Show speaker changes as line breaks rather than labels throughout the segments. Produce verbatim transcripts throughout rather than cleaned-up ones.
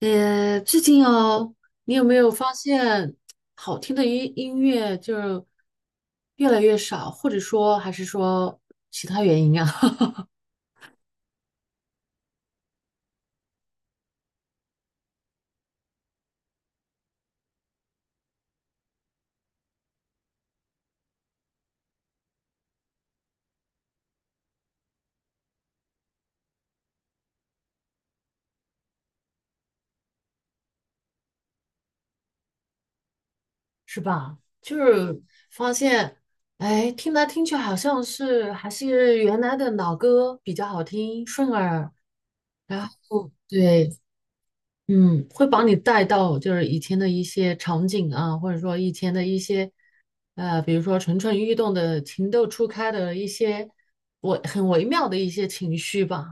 呃，最近哦，你有没有发现好听的音音乐就是越来越少，或者说还是说其他原因啊？是吧？就是发现，哎，听来听去好像是还是原来的老歌比较好听，顺耳，然后对，嗯，会把你带到就是以前的一些场景啊，或者说以前的一些，呃，比如说蠢蠢欲动的、情窦初开的一些我很微妙的一些情绪吧，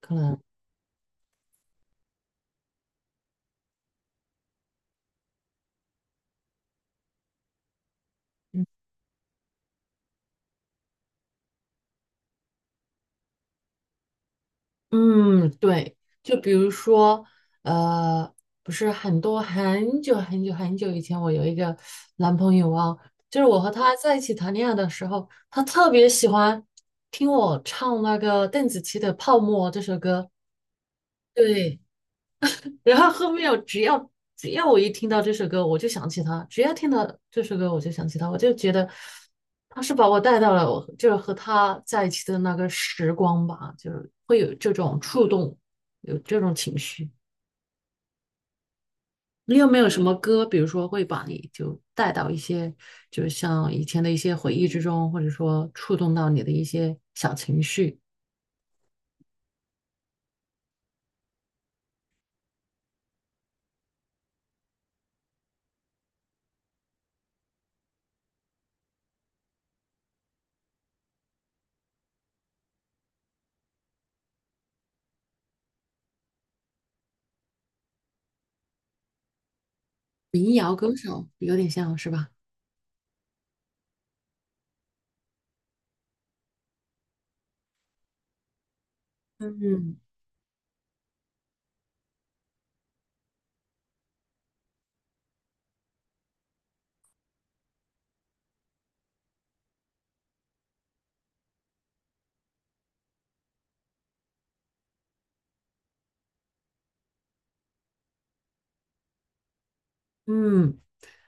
可能，嗯，嗯，对，就比如说，呃，不是很多很久很久很久以前，我有一个男朋友啊，就是我和他在一起谈恋爱的时候，他特别喜欢听我唱那个邓紫棋的《泡沫》这首歌，对。然后后面我只要只要我一听到这首歌，我就想起他；只要听到这首歌，我就想起他。我就觉得他是把我带到了我就是和他在一起的那个时光吧，就是会有这种触动，有这种情绪。你有没有什么歌，比如说会把你就带到一些，就是像以前的一些回忆之中，或者说触动到你的一些小情绪？民谣歌手有点像是吧？嗯，嗯，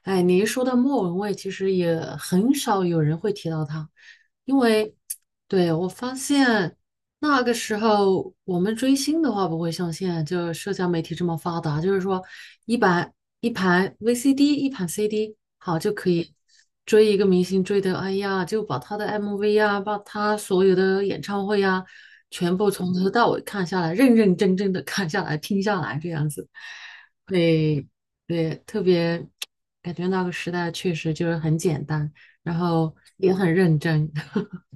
哎，你一说到莫文蔚，其实也很少有人会提到她，因为，对，我发现那个时候我们追星的话，不会像现在就社交媒体这么发达，就是说一盘一盘 V C D,一盘 C D,好就可以追一个明星追的，哎呀，就把他的 M V 呀，把他所有的演唱会呀，全部从头到尾看下来，认认真真的看下来，听下来这样子。会对，特别感觉那个时代确实就是很简单，然后也很认真。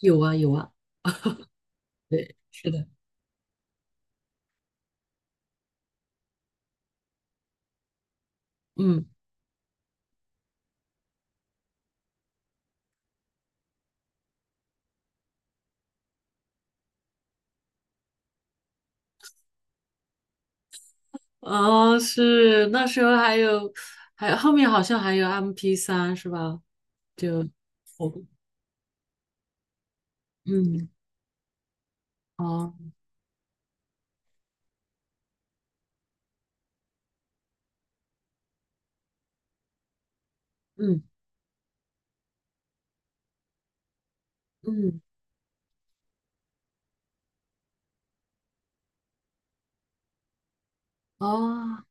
有啊，有啊，对，是的，嗯，哦，是那时候还有，还有后面好像还有 M P 三 是吧？就我，嗯，哦，嗯嗯，哦，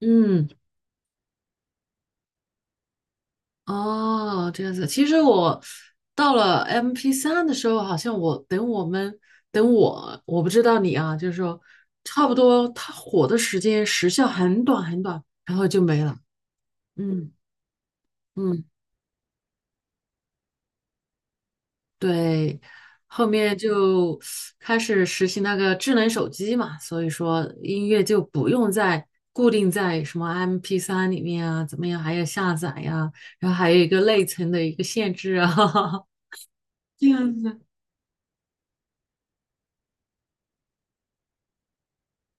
嗯。哦，这样子。其实我到了 m p 三的时候，好像我等我们等我，我不知道你啊，就是说差不多它火的时间时效很短很短，然后就没了。嗯嗯，对，后面就开始实行那个智能手机嘛，所以说音乐就不用再固定在什么 m p 三里面啊，怎么样，还要下载呀、然后还有一个内存的一个限制啊，这样子。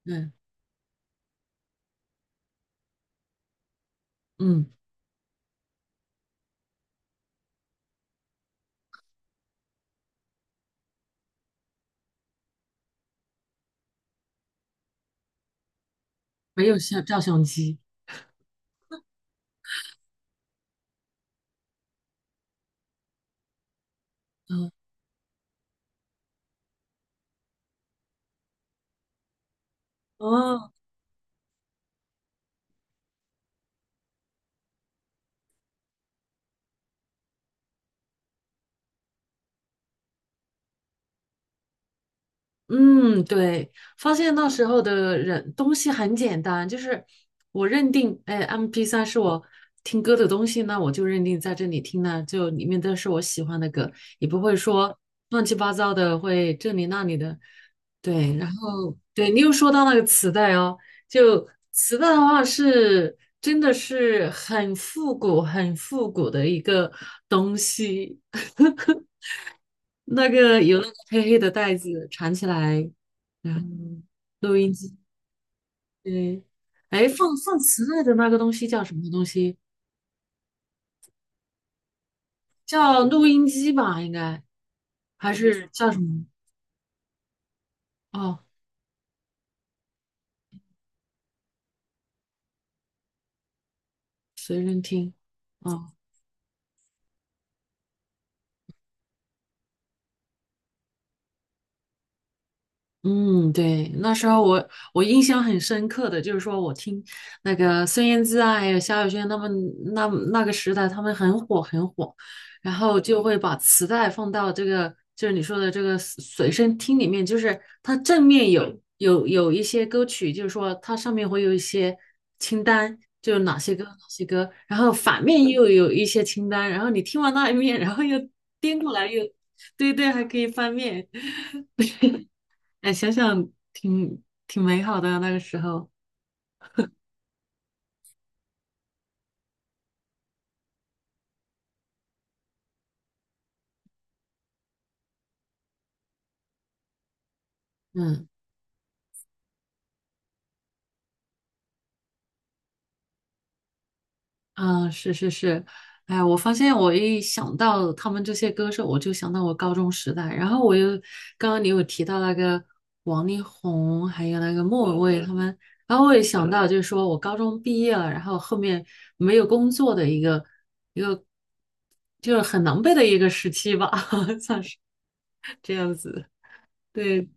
嗯嗯。没有像照相机，嗯哦，嗯，对，发现那时候的人东西很简单，就是我认定，哎 m p 三是我听歌的东西，那我就认定在这里听呢，就里面都是我喜欢的歌，也不会说乱七八糟的，会这里那里的，对，然后对你又说到那个磁带哦，就磁带的话是真的是很复古、很复古的一个东西。那个有那个黑黑的袋子缠起来，然后嗯录音机，对，哎，放放磁带的那个东西叫什么东西？叫录音机吧，应该还是叫什么？哦，随身听，哦。嗯，对，那时候我我印象很深刻的就是说，我听那个孙燕姿啊，还有萧亚轩他们那那个时代，他们很火很火，然后就会把磁带放到这个就是你说的这个随随身听里面，就是它正面有有有一些歌曲，就是说它上面会有一些清单，就是哪些歌哪些歌，然后反面又有一些清单，然后你听完那一面，然后又颠过来又对对，还可以翻面。哎，想想挺挺美好的啊那个时候。嗯嗯，是是是，哎，我发现我一想到他们这些歌手，我就想到我高中时代。然后我又刚刚你有提到那个王力宏，还有那个莫文蔚他们，然后我也想到，就是说我高中毕业了，然后后面没有工作的一个一个，就是很狼狈的一个时期吧，算是这样子。对，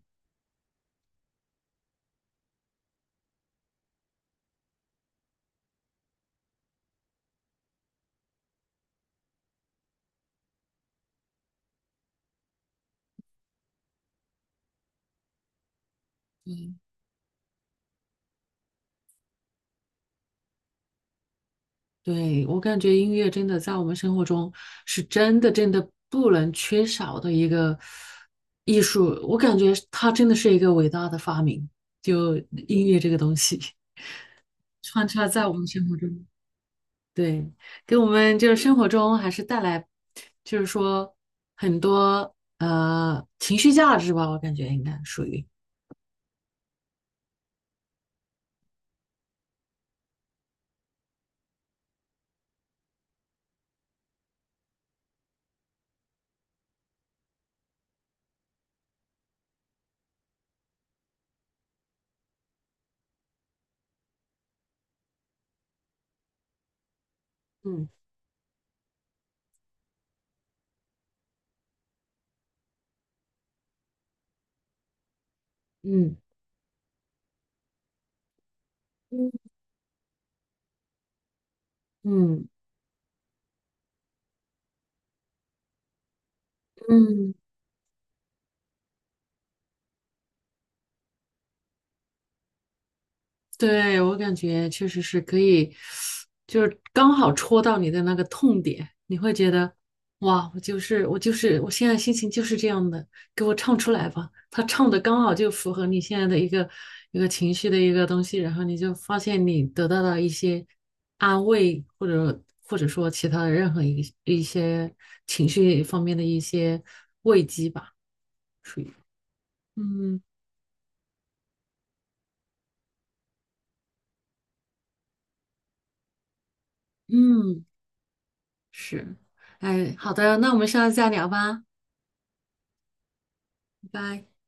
嗯。对，我感觉音乐真的在我们生活中是真的真的不能缺少的一个艺术，我感觉它真的是一个伟大的发明，就音乐这个东西穿插在我们生活中，对，给我们就是生活中还是带来，就是说很多呃情绪价值吧，我感觉应该属于，嗯嗯嗯嗯嗯。对，我感觉确实是可以，就是刚好戳到你的那个痛点，你会觉得，哇，我就是我就是我现在心情就是这样的，给我唱出来吧。他唱的刚好就符合你现在的一个一个情绪的一个东西，然后你就发现你得到了一些安慰，或者或者说其他的任何一一些情绪方面的一些慰藉吧，属于，嗯嗯。是，哎，好的，那我们下次再聊吧，拜拜。